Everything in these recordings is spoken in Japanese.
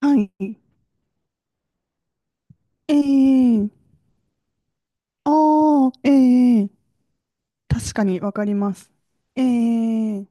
はい。ええああ、ええ確かにわかります。ええ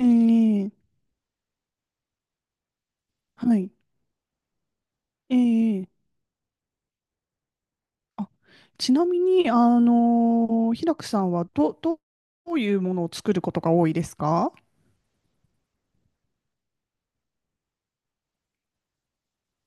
ええはい。ええあ、ちなみに、ひらくさんはどういうものを作ることが多いですか？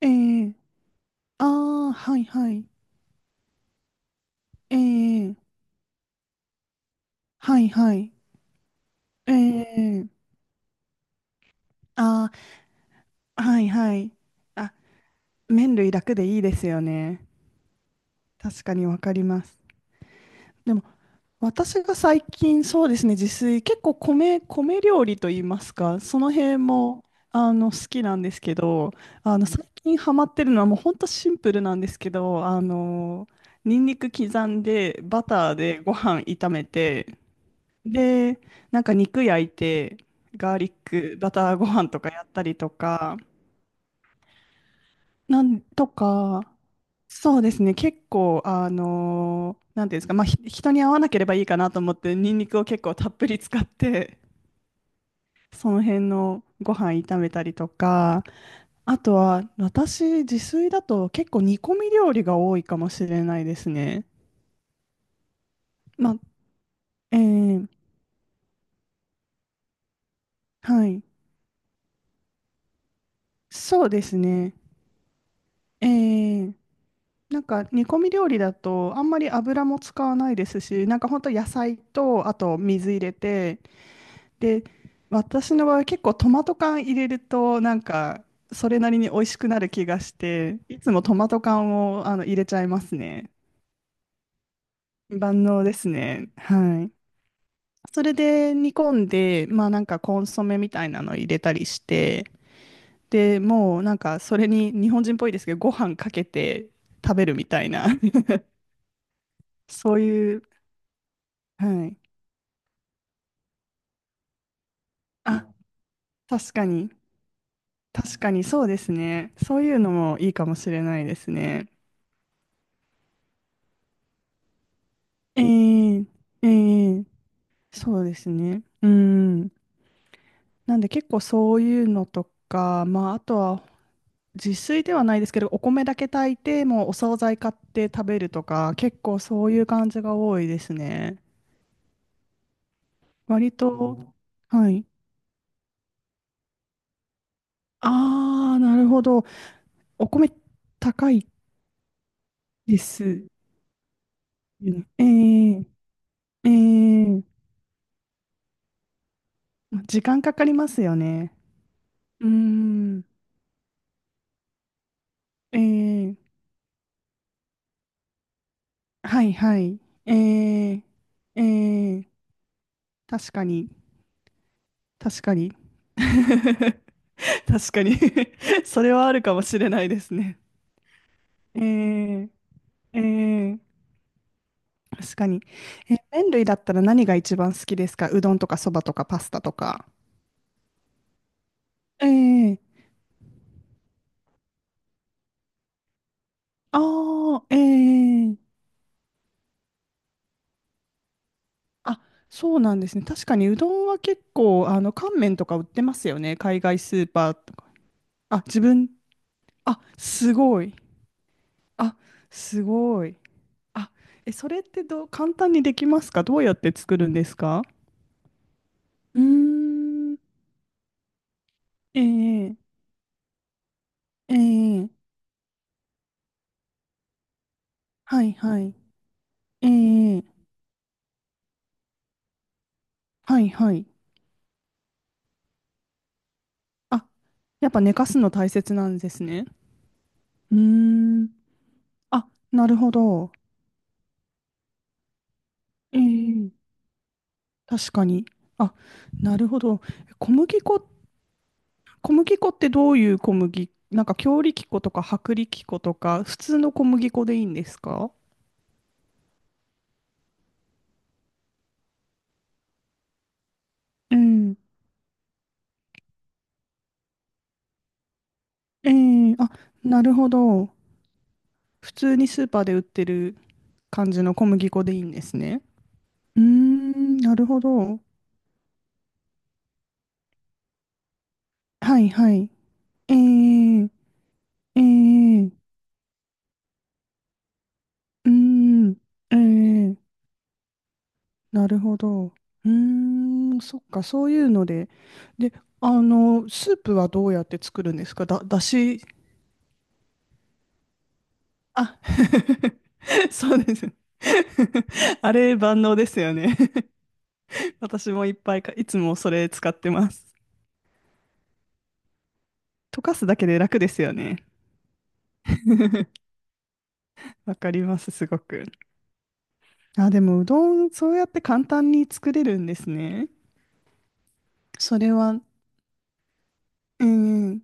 ええああー、はいはい。ええはいはい。ええああー、はいはい。あ、麺類楽でいいですよね。確かにわかります。でも、私が最近、そうですね、自炊結構米料理といいますか、その辺も好きなんですけど、最近ハマってるのはもう本当シンプルなんですけど、ニンニク刻んでバターでご飯炒めて、で、なんか肉焼いて、ガーリックバターご飯とかやったりとか、なんとか。そうですね。結構、なんていうんですか、まあ、人に合わなければいいかなと思って、ニンニクを結構たっぷり使って、その辺のご飯炒めたりとか、あとは、私、自炊だと結構煮込み料理が多いかもしれないですね。まあ、えーはい。そうですね。えーなんか煮込み料理だとあんまり油も使わないですし、なんかほんと野菜とあと水入れて、で、私の場合結構トマト缶入れるとなんかそれなりに美味しくなる気がして、いつもトマト缶を入れちゃいますね。万能ですね。はい。それで煮込んで、まあなんかコンソメみたいなの入れたりして、で、もうなんかそれに日本人っぽいですけど、ご飯かけて食べるみたいな、そういう、はい。あ、確かに、確かにそうですね。そういうのもいいかもしれないですね。ええええそうですね。うん。なんで、結構そういうのとか、まあ、あとは自炊ではないですけど、お米だけ炊いて、もうお惣菜買って食べるとか、結構そういう感じが多いですね。割と、はい。ああ、なるほど。お米高いですよね。ええええ時間かかりますよね。うーん。ええはいはい。えー、えー、確かに、確かに。確かに それはあるかもしれないですね。えー、えー、確かに。麺類だったら何が一番好きですか？うどんとかそばとかパスタとか。えー、あー、えー、あ、そうなんですね。確かにうどんは結構、乾麺とか売ってますよね。海外スーパーとか。あ、自分、あ、すごい。あ、すごい。あ、それってどう、簡単にできますか？どうやって作るんですか？うーん、ええ、ええ、はいはい。ええ、はいはい。あ、やっぱ寝かすの大切なんですね。うーん、あ、なるほど。ええ、確かに。あ、なるほど。小麦粉、小麦粉ってどういう小麦、なんか強力粉とか薄力粉とか、普通の小麦粉でいいんですか？うん、ええ、あ、なるほど。普通にスーパーで売ってる感じの小麦粉でいいんですね。うーん、なるほど。はいはい。えー、えー、うーん、えー、なるほど。うーん、そっか、そういうので。で、スープはどうやって作るんですか？だし、あ、そうです。あれ万能ですよね。私もいっぱいか、いつもそれ使ってます。溶かすだけで楽ですよね。わかります、すごく。あ、でも、うどん、そうやって簡単に作れるんですね。それは、うん、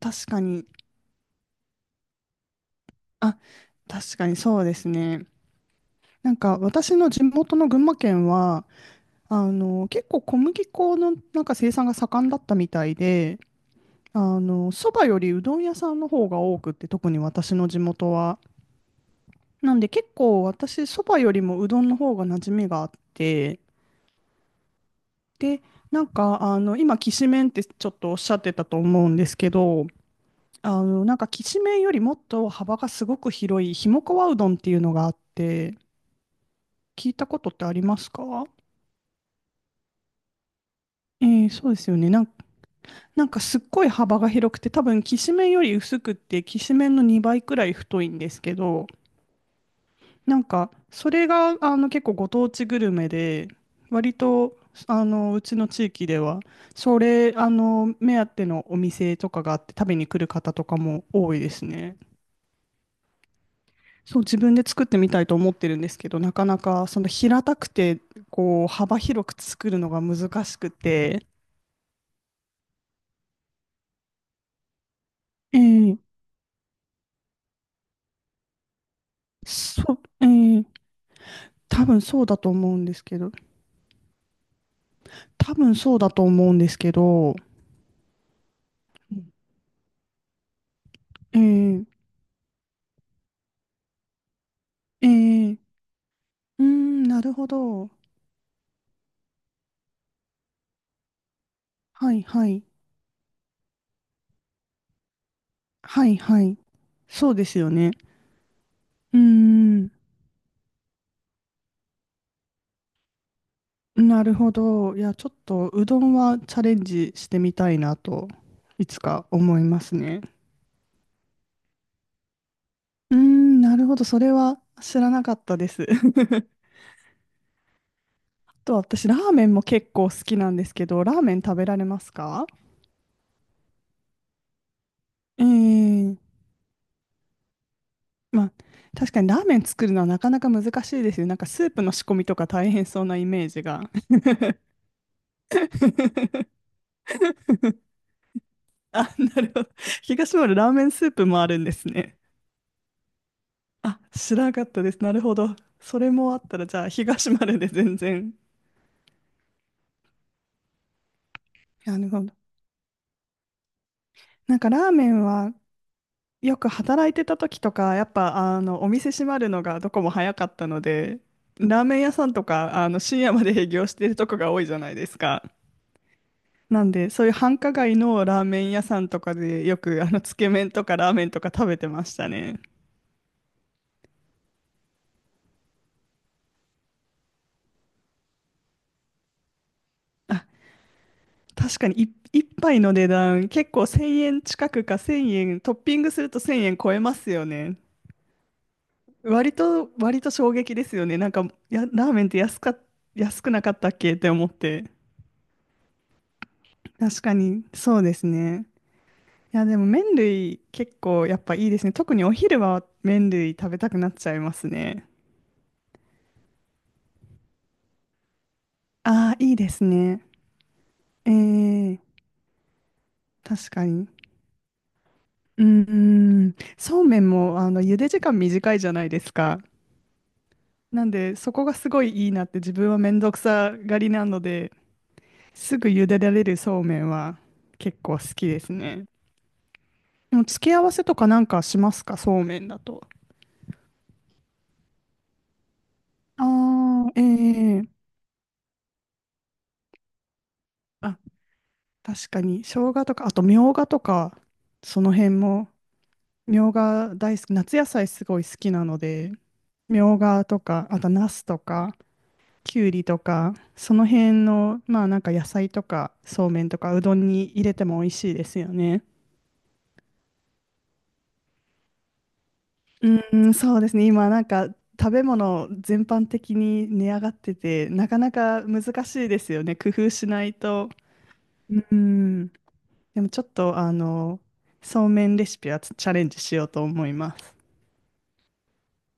確かに、あ、確かにそうですね。なんか、私の地元の群馬県は、結構小麦粉のなんか生産が盛んだったみたいで、そばよりうどん屋さんの方が多くって、特に私の地元は。なんで、結構私、そばよりもうどんの方が馴染みがあって、で、なんか、今、きしめんってちょっとおっしゃってたと思うんですけど、なんか、きしめんよりもっと幅がすごく広い、ひもかわうどんっていうのがあって、聞いたことってありますか？そうですよね。なんか、すっごい幅が広くて、多分、きしめんより薄くって、きしめんの2倍くらい太いんですけど、なんか、それが、結構ご当地グルメで、割と、うちの地域では、それ、目当てのお店とかがあって、食べに来る方とかも多いですね。そう、自分で作ってみたいと思ってるんですけど、なかなか、その平たくて、こう、幅広く作るのが難しくて、ええそう、ええ多分そうだと思うんですけど、多分そうだと思うんですけど、ええええうーん、なるほど。はいはい。はいはい。そうですよね。うーん。なるほど。いや、ちょっとうどんはチャレンジしてみたいなと、いつか思いますね。うーん、なるほど。それは知らなかったです。あと私、ラーメンも結構好きなんですけど、ラーメン食べられますか？えー、まあ、確かにラーメン作るのはなかなか難しいですよね。なんかスープの仕込みとか大変そうなイメージが。あ、なるほど。東丸ラーメンスープもあるんですね。あ、知らなかったです。なるほど。それもあったら、じゃあ、東丸で全然。なるほど。なんかラーメンは、よく働いてた時とか、やっぱ、お店閉まるのがどこも早かったので、ラーメン屋さんとか、深夜まで営業してるとこが多いじゃないですか。なんで、そういう繁華街のラーメン屋さんとかで、よく、つけ麺とかラーメンとか食べてましたね。確かに一杯の値段結構1000円近くか1000円トッピングすると1000円超えますよね。割と衝撃ですよね。なんかラーメンって安くなかったっけって思って、確かにそうですね。いやでも麺類結構やっぱいいですね。特にお昼は麺類食べたくなっちゃいますね。ああいいですね。ええ確かに。うんうん、そうめんも茹で時間短いじゃないですか。なんで、そこがすごいいいなって、自分はめんどくさがりなので、すぐ茹でられるそうめんは結構好きですね。でも付け合わせとかなんかしますか、そうめんだと？ああ、ええ、あ、確かに。生姜とか、あとみょうがとか、その辺も、みょうが大好き、夏野菜すごい好きなので、みょうがとか、あとナスとか、きゅうりとか、その辺の、まあなんか野菜とか、そうめんとか、うどんに入れても美味しいですよね。うん、そうですね。今、なんか食べ物全般的に値上がってて、なかなか難しいですよね。工夫しないと。うん。でもちょっと、そうめんレシピはチャレンジしようと思います。